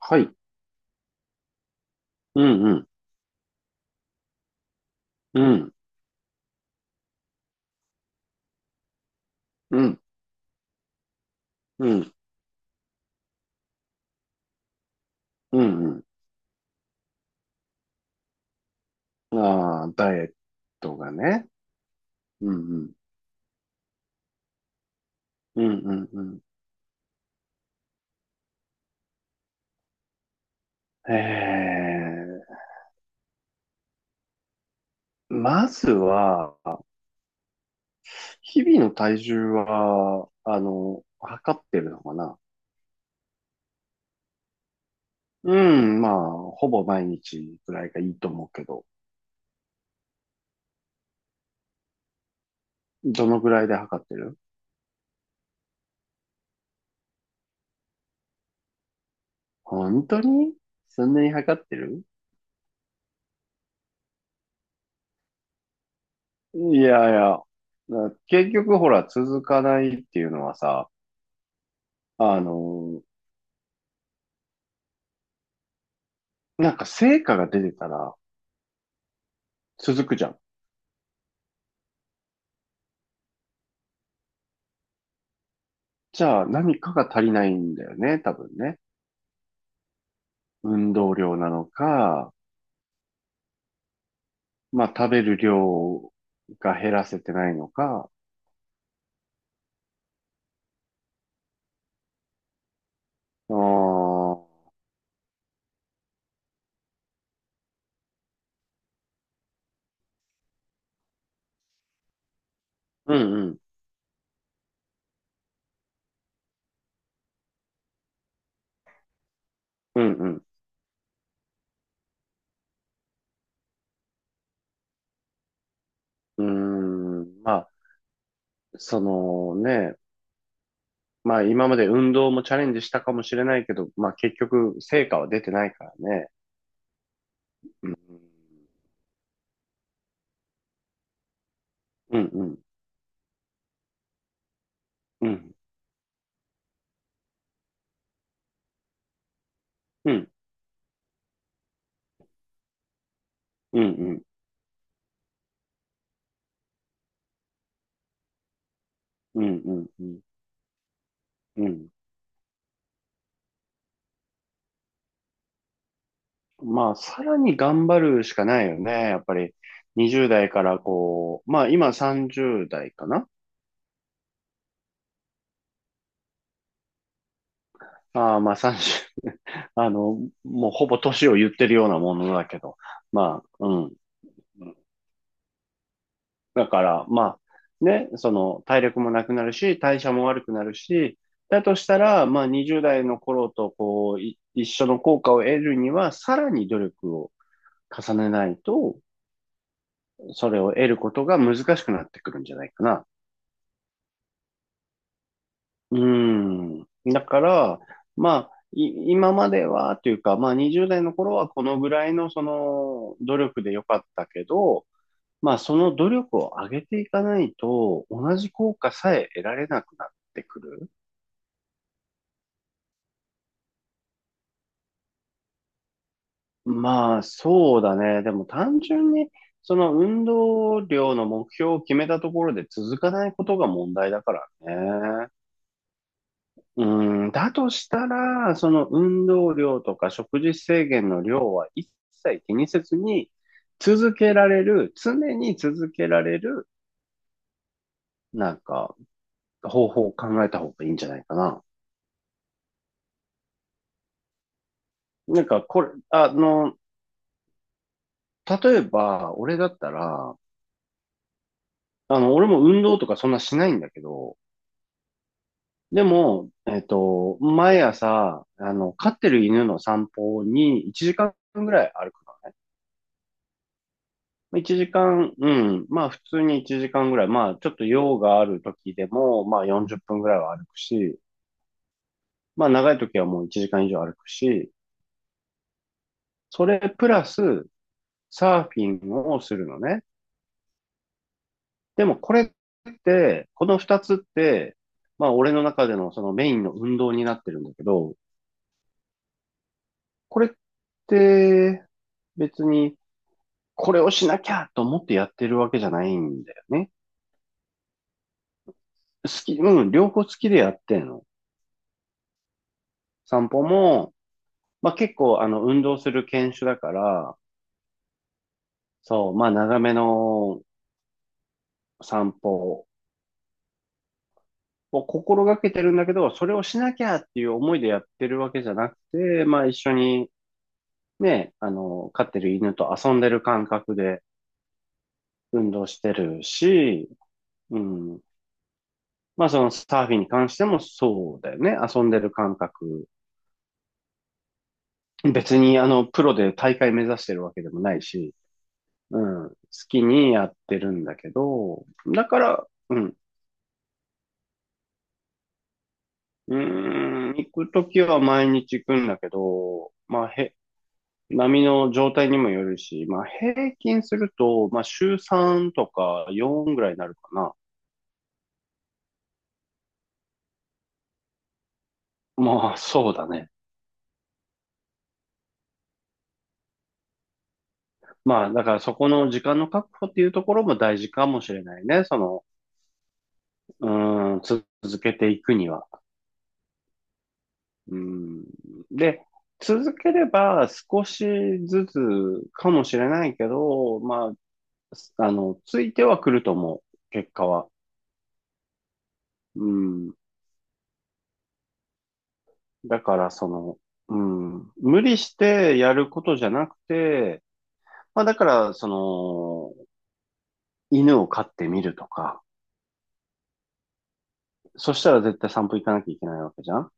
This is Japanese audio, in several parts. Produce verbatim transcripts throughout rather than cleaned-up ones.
はい。うんうん。うん。うん。うん。うんうん。ああ、ダイエットがね。うんうん。うんうんうん。えー、まずは、日々の体重は、あの、測ってるのかな？うん、まあ、ほぼ毎日ぐらいがいいと思うけど。どのぐらいで測ってる？本当にそんなに測ってる？いやいや、だ結局ほら、続かないっていうのはさ、あの、なんか成果が出てたら続くじゃん。じゃあ何かが足りないんだよね、多分ね。運動量なのか、まあ食べる量が減らせてないのか。あー、うんうん、うんうん、うん、まあ、そのね、まあ今まで運動もチャレンジしたかもしれないけど、まあ結局成果は出てないからね。うん、うん、うん、うん、うん、うん、うん、うん、うん、うん。まあ、さらに頑張るしかないよね。やっぱり、にじゅうだい代からこう、まあ今さんじゅうだい代かな？ああ、まあさんじゅう、あの、もうほぼ年を言ってるようなものだけど、まあ、うん。だから、まあ、ね、その、体力もなくなるし、代謝も悪くなるし、だとしたら、まあにじゅうだい代の頃とこう、い一緒の効果を得るには、さらに努力を重ねないと、それを得ることが難しくなってくるんじゃないかな。うん。だから、まあ、い今まではというか、まあにじゅうだい代の頃はこのぐらいのその努力でよかったけど、まあその努力を上げていかないと同じ効果さえ得られなくなってくる。まあそうだね。でも単純にその運動量の目標を決めたところで続かないことが問題だからね。うーん、だとしたら、その運動量とか食事制限の量は一切気にせずに、続けられる、常に続けられる、なんか、方法を考えた方がいいんじゃないかな。なんか、これ、あの、例えば、俺だったら、あの、俺も運動とかそんなしないんだけど、でも、えっと、毎朝、あの、飼ってる犬の散歩にいちじかんぐらい歩く。ま一時間、うん。まあ普通にいちじかんぐらい。まあちょっと用がある時でも、まあよんじゅっぷんぐらいは歩くし、まあ長い時はもういちじかん以上歩くし、それプラスサーフィンをするのね。でもこれって、このふたつって、まあ俺の中でのそのメインの運動になってるんだけど、これって別にこれをしなきゃと思ってやってるわけじゃないんだよね。好き、うん、両方好きでやってんの。散歩も、まあ結構あの運動する犬種だから、そう、まあ長めの散歩を心がけてるんだけど、それをしなきゃっていう思いでやってるわけじゃなくて、まあ一緒にね、あの、飼ってる犬と遊んでる感覚で運動してるし、うん。まあそのサーフィンに関してもそうだよね。遊んでる感覚。別にあの、プロで大会目指してるわけでもないし、うん。好きにやってるんだけど、だから、うん。うーん、行くときは毎日行くんだけど、まあ、へ、波の状態にもよるし、まあ、平均すると、まあ、週さんとかよんぐらいになるかな。まあ、そうだね。まあ、だからそこの時間の確保っていうところも大事かもしれないね。その、うーん、続けていくには。うーん。で、続ければ少しずつかもしれないけど、まあ、あの、ついてはくると思う。結果は。うん。だからその、うん、無理してやることじゃなくて、まあだからその、犬を飼ってみるとか、そしたら絶対散歩行かなきゃいけないわけじゃん？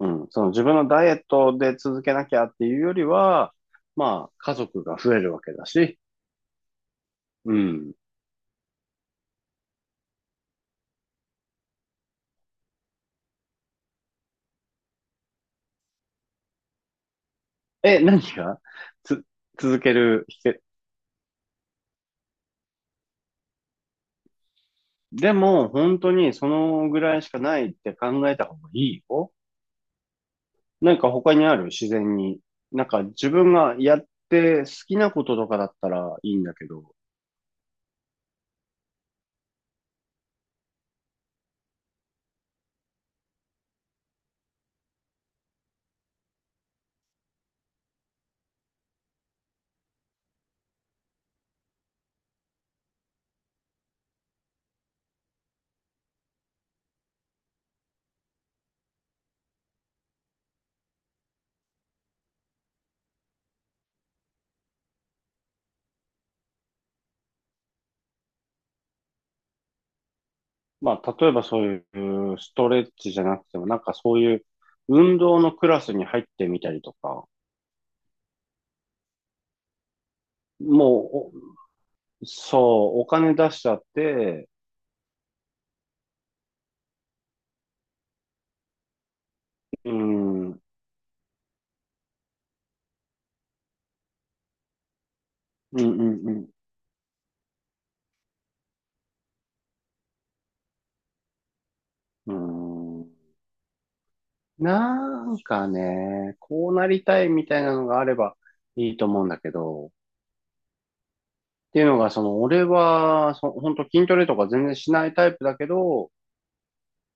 うん、その自分のダイエットで続けなきゃっていうよりは、まあ家族が増えるわけだし、うん。え、何がつ、続ける秘訣？でも本当にそのぐらいしかないって考えた方がいいよ。なんか他にある？自然に。なんか自分がやって好きなこととかだったらいいんだけど、まあ例えばそういうストレッチじゃなくても、なんかそういう運動のクラスに入ってみたりとか、もう、おそう、お金出しちゃって、うん、うん、うん、うん、うん。なんかね、こうなりたいみたいなのがあればいいと思うんだけど、っていうのが、その、俺は、そ、本当筋トレとか全然しないタイプだけど、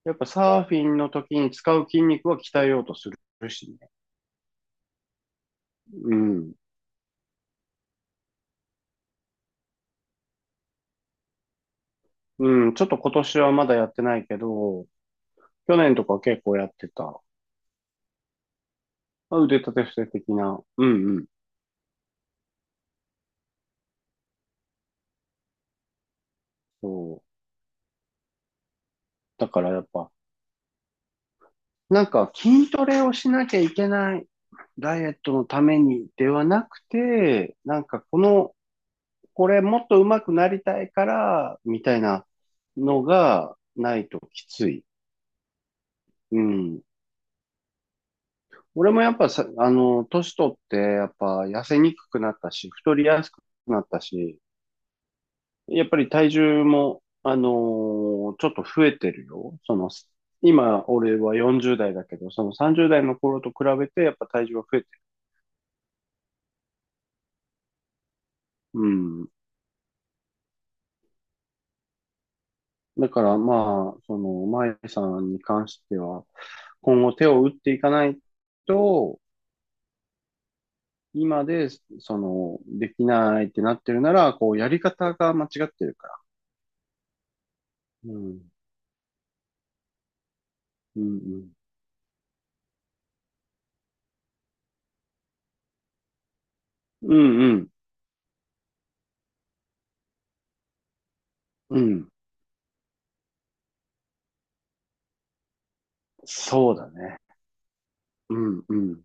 やっぱサーフィンの時に使う筋肉は鍛えようとするしね。うん。うん。ちょっと今年はまだやってないけど、去年とか結構やってた。まあ腕立て伏せ的な。うんうん。そう。だからやっぱ、なんか筋トレをしなきゃいけない。ダイエットのためにではなくて、なんかこの、これもっと上手くなりたいから、みたいなのがないときつい。うん。俺もやっぱさ、あの、年取って、やっぱ痩せにくくなったし、太りやすくなったし、やっぱり体重も、あのーちょっと増えてるよ。その、今、俺はよんじゅうだい代だけど、そのさんじゅうだい代の頃と比べて、やっぱ体重は増えてる。うん。だからまあ、その、舞さんに関しては、今後手を打っていかないと、今で、その、できないってなってるなら、こう、やり方が間違ってるから。うん。うんうん。うんうん。うん。そうだね。うんうん。